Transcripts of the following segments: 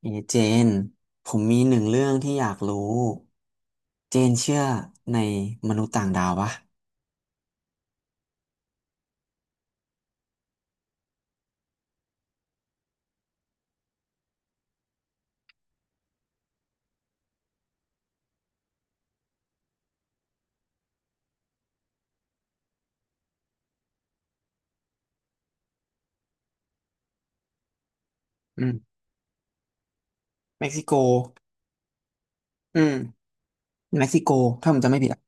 เอเจน ผมมีหนึ่งเรื่องที่อยากรู้ เจนเชื่อในมนุษย์ต่างดาวปะอืมเม็กซิโก อืมเม็กซิโก ถ้าผมจำไม่ผิดอ่ะ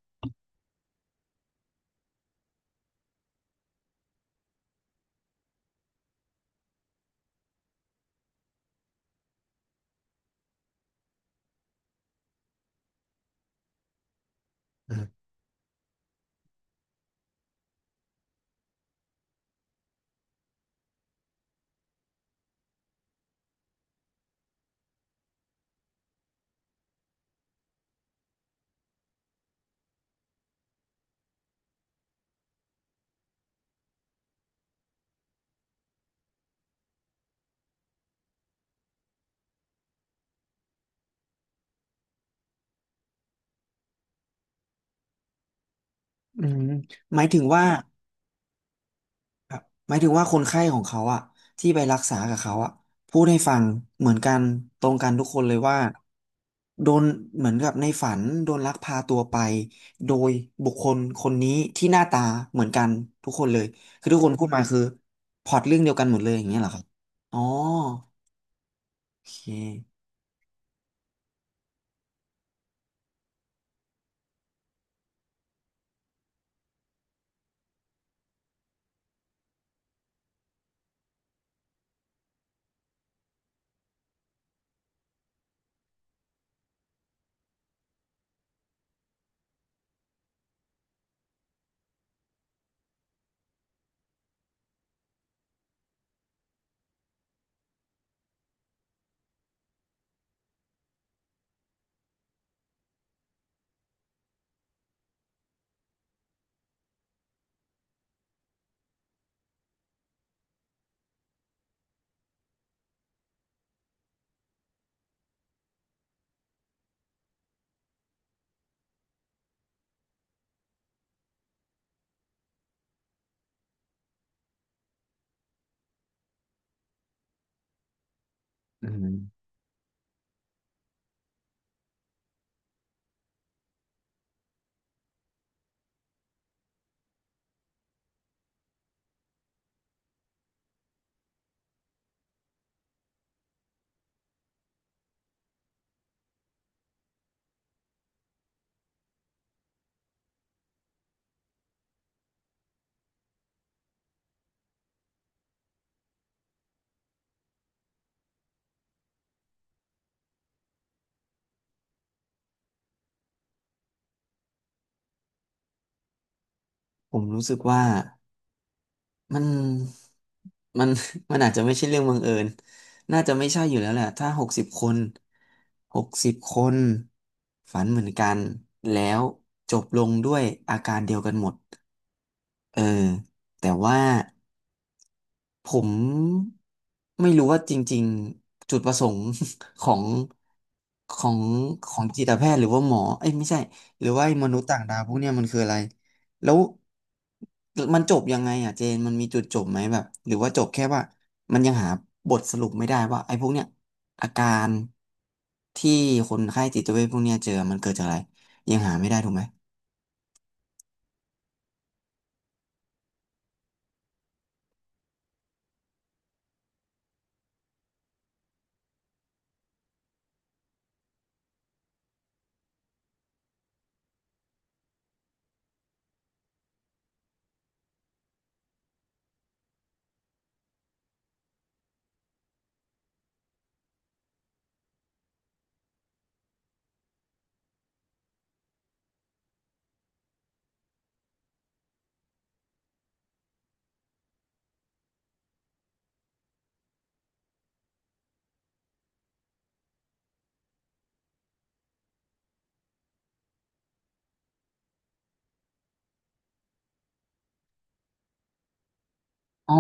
อืมอืม หมายถึงว่า ครับหมายถึงว่าคนไข้ของเขาอะที่ไปรักษากับเขาอะพูดให้ฟังเหมือนกันตรงกันทุกคนเลยว่าโดนเหมือนกับในฝันโดนลักพาตัวไปโดยบุคคลคนนี้ที่หน้าตาเหมือนกันทุกคนเลยคือทุกคนพูดมาคือพล็อตเรื่องเดียวกันหมดเลยอย่างเงี้ยเหรอครับอ๋อโอเคอืมผมรู้สึกว่า มันมัน มันอาจจะไม่ใช่เรื่องบังเอิญน่าจะไม่ใช่อยู่แล้วแหละ ถ้าหกสิบคน60 คน ฝันเหมือนกัน แล้วจบลงด้วยอาการเดียวกันหมด เออ แต่ว่า ผมไม่รู้ว่าจริงๆจุดประสงค์ ของของของจิตแพทย์หรือว่าหมอเอ้ยไม่ใช่หรือว่าไอ้มนุษย์ต่างดาวพวกเนี้ยมันคืออะไรแล้วมันจบยังไงอ่ะเจนมันมีจุดจบไหมแบบหรือว่าจบแค่ว่ามันยังหาบทสรุปไม่ได้ว่าไอ้พวกเนี้ยอาการที่คนไข้จิตเวชพวกเนี้ยเจอมันเกิดจากอะไรยังหาไม่ได้ถูกไหมอ๋อ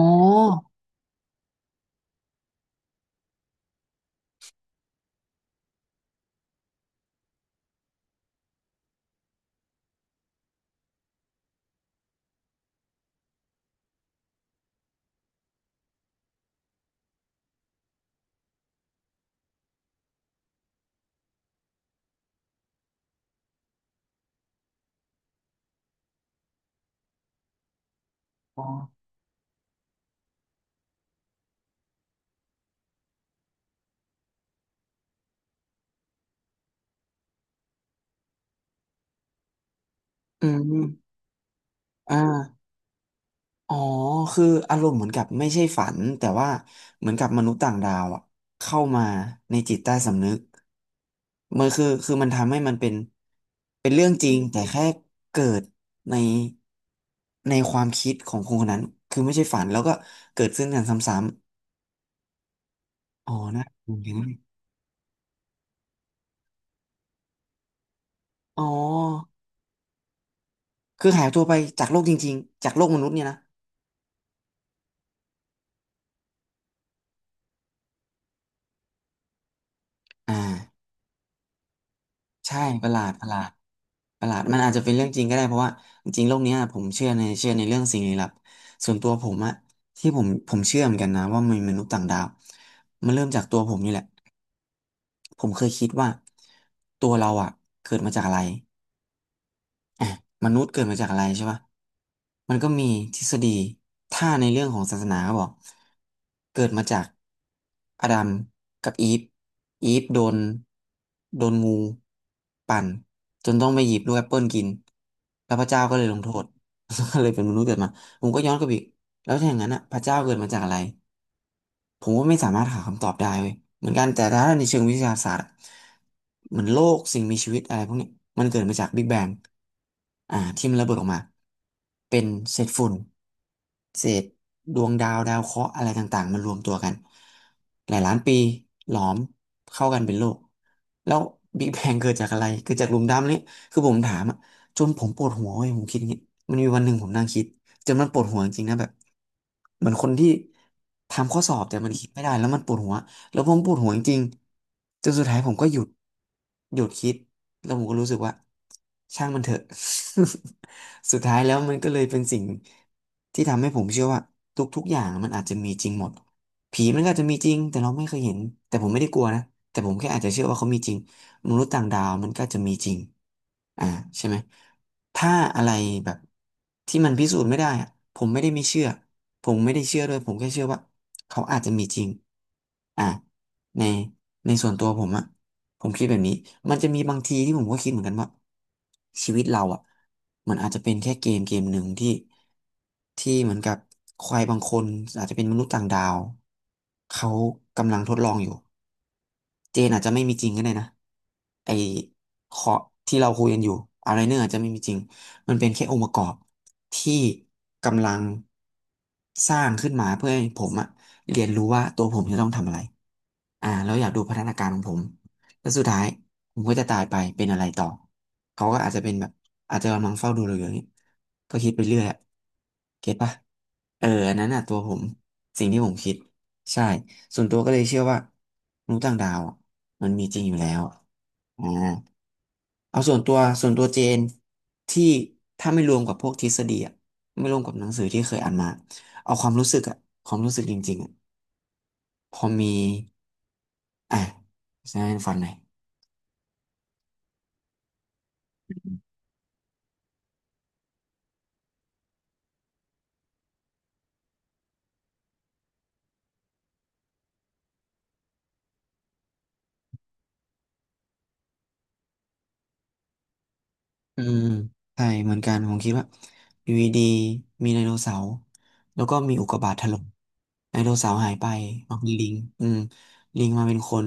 อ๋ออืมอ่า อ๋อคืออารมณ์เหมือนกับไม่ใช่ฝันแต่ว่าเหมือนกับมนุษย์ต่างดาวอะเข้ามาในจิตใต้สำนึกมันคือมันทำให้มันเป็นเป็นเรื่องจริงแต่แค่เกิดในความคิดของคนคนนั้นคือไม่ใช่ฝันแล้วก็เกิดขึ้นกันซ้ำๆอ๋อนะเหมือนกันนะอ๋อคือหายตัวไปจากโลกจริงๆจากโลกมนุษย์เนี่ยนะอ่า ใช่ประหลาดประหลาดประหลาดมันอาจจะเป็นเรื่องจริงก็ได้เพราะว่าจริงๆโลกเนี้ยผมเชื่อในเรื่องสิ่งลี้ลับส่วนตัวผมอะที่ผมเชื่อเหมือนกันนะว่ามีมนุษย์ต่างดาวมันเริ่มจากตัวผมนี่แหละผมเคยคิดว่าตัวเราอะเกิดมาจากอะไร อ่ะมนุษย์เกิดมาจากอะไรใช่ปะมันก็มีทฤษฎีถ้าในเรื่องของศาสนาเขาบอกเกิดมาจากอาดัมกับอีฟอีฟโดนงูปั่นจนต้องไปหยิบลูกแอปเปิลกิน แล้วพระเจ้าก็เลยลงโทษ ก็เลยเป็นมนุษย์เกิดมา ผมก็ย้อนกลับอีกแล้วถ้าอย่างนั้นอ่ะพระเจ้าเกิดมาจากอะไร ผมว่าไม่สามารถหาคำตอบได้เว้ยเหมือนกันแต่ถ้าในเชิงวิทยาศาสตร์อะเหมือนโลกสิ่งมีชีวิตอะไรพวกนี้มันเกิดมาจากบิ๊กแบงอ่าที่มันระเบิดออกมาเป็นเศษฝุ่นเศษดวงดาวดาวเคราะห์อะไรต่างๆมันรวมตัวกันหลายล้านปีหลอมเข้ากันเป็นโลกแล้วบิ๊กแบงเกิดจากอะไรเกิดจากหลุมดำนี่คือผมถามอะจนผมปวดหัวเว้ยผมคิดอย่างงี้มันมีวันหนึ่งผมนั่งคิด จนมันปวดหัวจริงๆนะแบบเหมือนคนที่ทำข้อสอบแต่มันคิดไม่ได้แล้วมันปวดหัวแล้วผมปวดหัวจริงๆจนสุดท้ายผมก็หยุดหยุดคิดแล้วผมก็รู้สึกว่าช่างมันเถอะ สุดท้ายแล้วมันก็เลยเป็นสิ่งที่ทำให้ผมเชื่อว่าทุกๆอย่างมันอาจจะมีจริงหมดผีมันก็อาจจะมีจริงแต่เราไม่เคยเห็นแต่ผมไม่ได้กลัวนะแต่ผมแค่อาจจะเชื่อว่าเขามีจริง มนุษย์ต่างดาวมันก็จะมีจริง อ่าใช่ไหม ถ้าอะไรแบบที่มันพิสูจน์ไม่ได้อะผมไม่ได้ไม่เชื่อ ผมไม่ได้เชื่อด้วยผมแค่เชื่อว่าเขาอาจจะมีจริงอ่าในส่วนตัวผมอะผมคิดแบบนี้ มันจะมีบางทีที่ผมก็คิดเหมือนกันว่าชีวิตเราอะมันอาจจะเป็นแค่เกมเกมหนึ่งที่เหมือนกับใครบางคนอาจจะเป็นมนุษย์ต่างดาวเขากำลังทดลองอยู่ เจนอาจจะไม่มีจริงก็ได้นะไอขอที่เราคุยกันอยู่อะไรเนอร์อาจจะไม่มีจริงมันเป็นแค่องค์ประกอบที่กำลังสร้างขึ้นมาเพื่อให้ผมอะเรียนรู้ว่าตัวผมจะต้องทำอะไรอ่าแล้วอยากดูพัฒนาการของผมแล้วสุดท้ายผมก็จะตายไปเป็นอะไรต่อเขาก็อาจจะเป็นแบบอาจจะกำลังเฝ้าดูเราอยู่อย่างนี้ก็คิดไปเรื่อยอะเก็ตปะเอออันนั้นอะตัวผมสิ่งที่ผมคิดใช่ ส่วนตัวก็เลยเชื่อว่ามนุษย์ต่างดาวอะมันมีจริงอยู่แล้วอ่าเอาส่วนตัวเจนที่ถ้าไม่รวมกับพวกทฤษฎีอะไม่รวมกับหนังสือที่เคยอ่านมาเอาความรู้สึกอะความรู้สึกจริงๆอะพอมีอ่ะใช่ฟันหน่อย อืมใช่เหมือนกันผมคิดว่าอยู่ดีๆมีไดโนเสาร์แล้วก็มีอุกกาบาตถล่มไดโนเสาร์หายไปมาเป็นลิงอืมลิงมาเป็นคน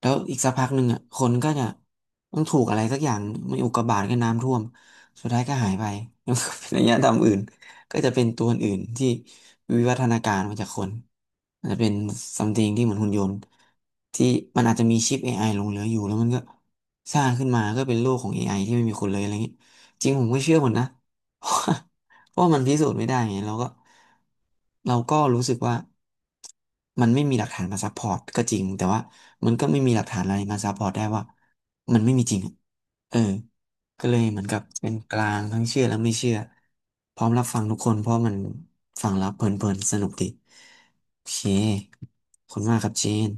แล้วอีกสักพักหนึ่งอ่ะคนก็จะต้องถูกอะไรสักอย่างไม่อุกกาบาตก็น้ำท่วมสุดท้ายก็หายไป แล้วก็เป็นอารยธรรมอื่นก็จะเป็นตัวอื่นที่ วิวัฒนาการมาจากคนอาจจะเป็นซัมติงที่เหมือนหุ่นยนต์ที่มันอาจจะมีชิป AI หลงเหลืออยู่แล้วมันก็สร้างขึ้นมาก็เป็นโลกของ AI ที่ไม่มีคนเลยอะไรอย่างนี้จริงผมก็เชื่อหมดนะ เพราะว่ามันพิสูจน์ไม่ได้ไงเราก็รู้สึกว่ามันไม่มีหลักฐานมาซัพพอร์ตก็จริงแต่ว่ามันก็ไม่มีหลักฐานอะไรมาซัพพอร์ตได้ว่ามันไม่มีจริงอะเออ ก็เลยเหมือนกับเป็นกลางทั้งเชื่อและไม่เชื่อพร้อมรับฟังทุกคนเพราะมันฟังแล้วเพลินๆสนุกดีโอเคขอบคุณมากครับเจน